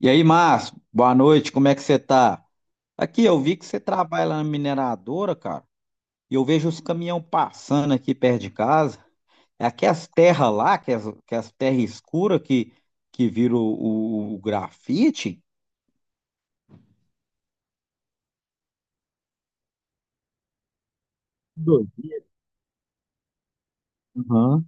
E aí, Márcio, boa noite, como é que você tá? Aqui, eu vi que você trabalha lá na mineradora, cara, e eu vejo os caminhão passando aqui perto de casa. É aquelas terras lá, que as terras escuras que viram o grafite? Doido. Aham.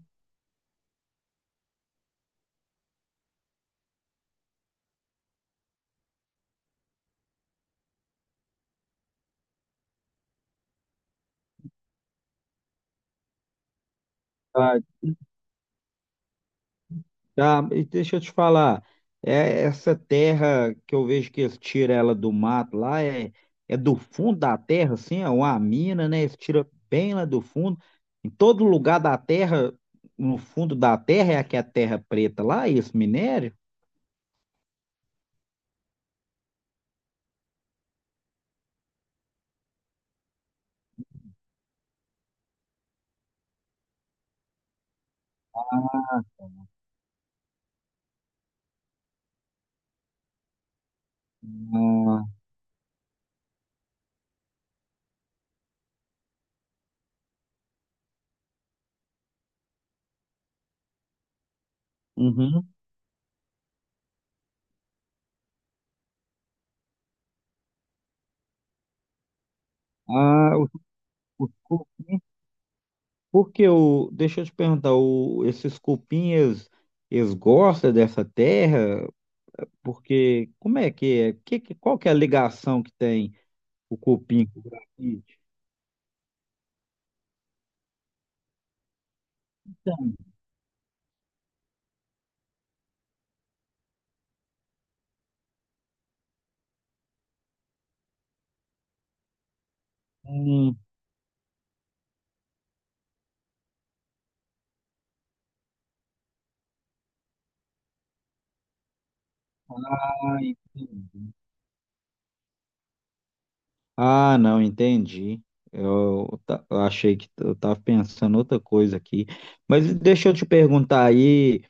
Tá, e deixa eu te falar, é essa terra que eu vejo que eles tiram ela do mato lá, é, é do fundo da terra, assim, é uma mina, né? Eles tiram bem lá do fundo. Em todo lugar da terra, no fundo da terra, é aqui a terra preta lá, esse minério? Ah, uhum. Ah, o- o- o- deixa eu te perguntar, o, esses cupinhas, eles gostam dessa terra? Porque, como é que é? Qual que é a ligação que tem? O cupim com grafite? Hum, Ah, não, entendi. Eu achei que eu estava pensando outra coisa aqui. Mas deixa eu te perguntar aí,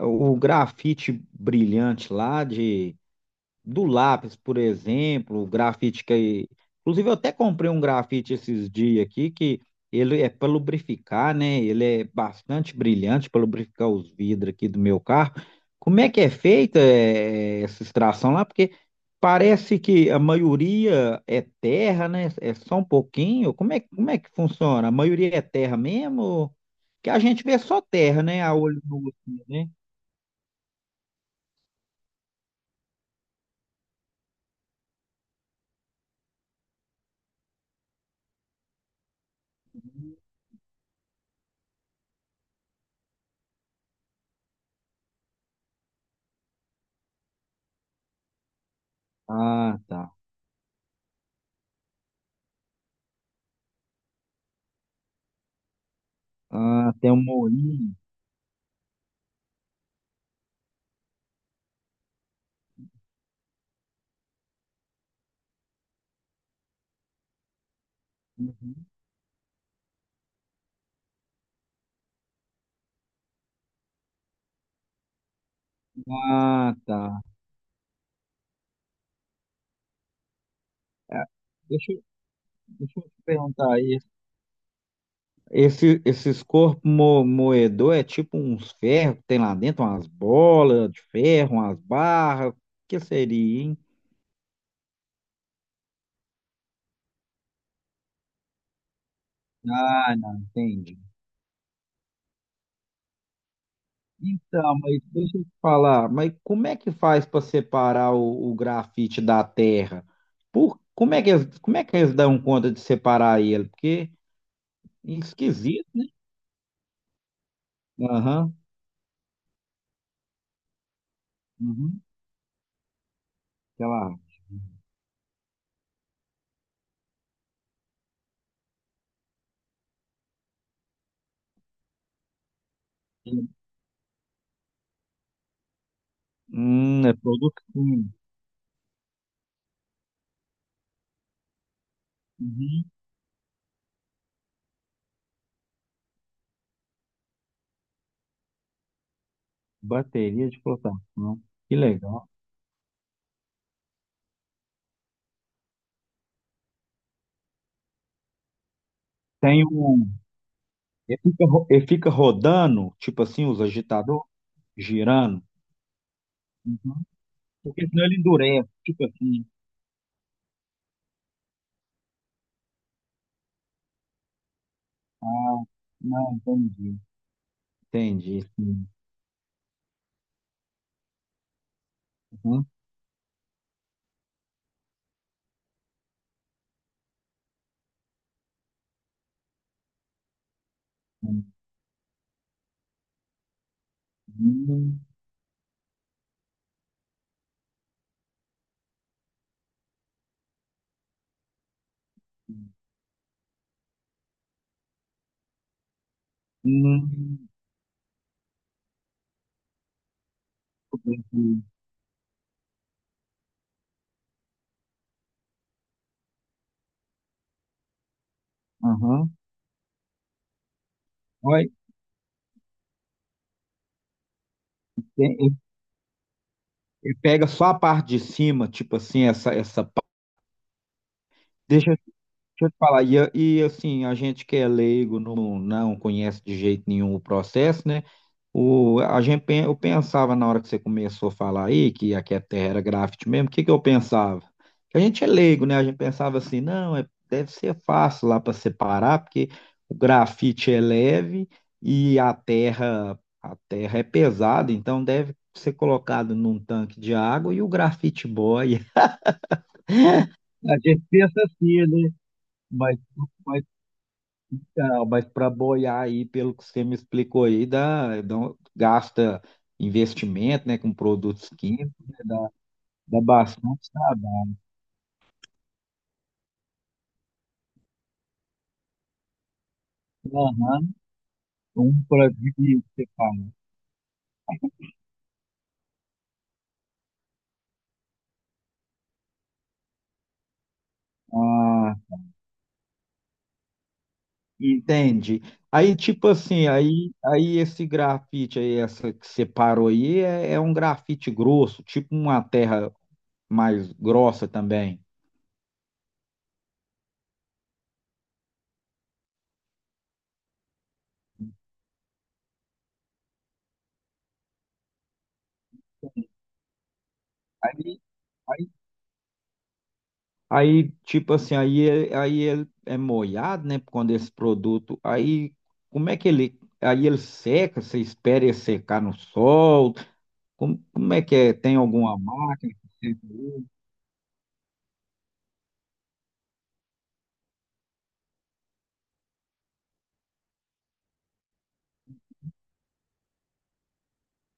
o grafite brilhante lá de do lápis, por exemplo, o grafite que. Inclusive, eu até comprei um grafite esses dias aqui, que ele é para lubrificar, né? Ele é bastante brilhante para lubrificar os vidros aqui do meu carro. Como é que é feita essa extração lá? Porque parece que a maioria é terra, né? É só um pouquinho. Como é que funciona? A maioria é terra mesmo? Que a gente vê só terra, né? A olho nu, assim, né? Ah, tá. Ah, tem um moinho. Uhum. Ah, tá. É, Deixa, eu- deixa eu te perguntar aí. Esses corpos moedor é tipo uns ferros que tem lá dentro, umas bolas de ferro, umas barras. O que seria, hein? Ah, não, entendi. Então, mas deixa eu te falar, mas como é que faz para separar o grafite da terra? Por, como é que eles dão conta de separar ele? Porque é esquisito, né? Aham, uhum, sei lá. É produto químico. Uhum. Bateria de flotar. Que legal. Tem um. Ele fica, ele fica rodando, tipo assim, os agitadores, girando. Uhum. Porque senão ele endurece, tipo assim. Ah, não, entendi. Entendi, sim. Uhum. Uhum. Hum, entendi. Aham. Olha, tem- ele ele pega só a parte de cima, tipo assim, essa. Deixa eu te falar, e, e assim, a gente que é leigo não conhece de jeito nenhum o processo, né? O, eu pensava na hora que você começou a falar aí que aqui a Terra era grafite mesmo, o que que eu pensava? Que a gente é leigo, né? A gente pensava assim, não, é- deve ser fácil lá para separar, porque o grafite é leve e a terra é pesada, então deve ser colocado num tanque de água e o grafite boia. A gente pensa assim, né? Mas, não, mas para boiar aí, pelo que você me explicou aí, dá gasta investimento, né, com produtos químicos, né, dá, dá bastante trabalho. Aham, um para dividir, você fala. Ah, entende? Aí, tipo assim, aí, aí esse grafite aí, essa que você parou aí, é um grafite grosso, tipo uma terra mais grossa também. Aí, aí ele é molhado, né? Quando esse produto. Aí, como é que ele. Aí ele seca, você espera ele secar no sol? Como é que é? Tem alguma máquina? Que seca ele?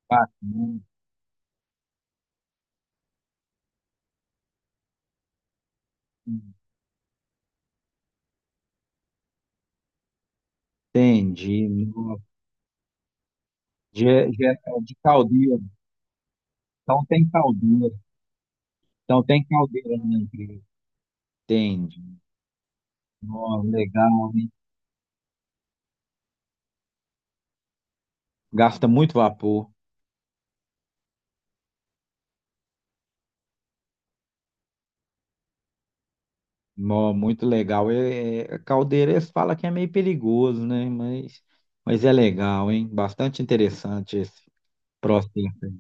Ah, não. Entendi. Nossa. De, de, é de caldeira. Então tem caldeira. Então tem caldeira na empresa. Entendi. Nossa, legal, hein? Gasta muito vapor. Nó, muito legal. É, é, caldeira, eles que é meio perigoso, né? Mas é legal, hein? Bastante interessante esse processo. Aí.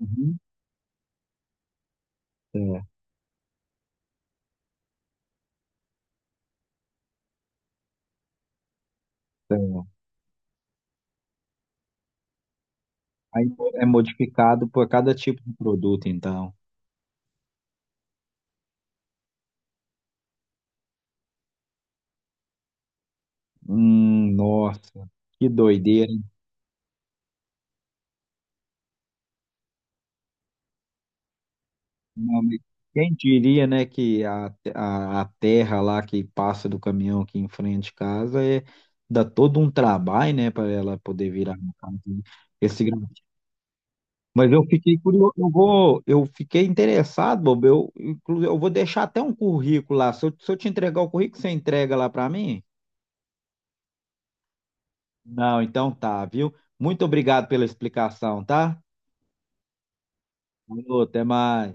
Uhum. É, é. Aí é modificado por cada tipo de produto, então. Nossa, que doideira, hein? Não, mas quem diria, né, que a terra lá que passa do caminhão aqui em frente de casa é, dá todo um trabalho, né, para ela poder virar uma casa, né? Esse mas eu fiquei curioso, eu vou, eu fiquei interessado, Bob. Eu, eu vou deixar até um currículo lá. Se eu te entregar o currículo, você entrega lá para mim? Não, então tá, viu? Muito obrigado pela explicação, tá? Falou, até mais.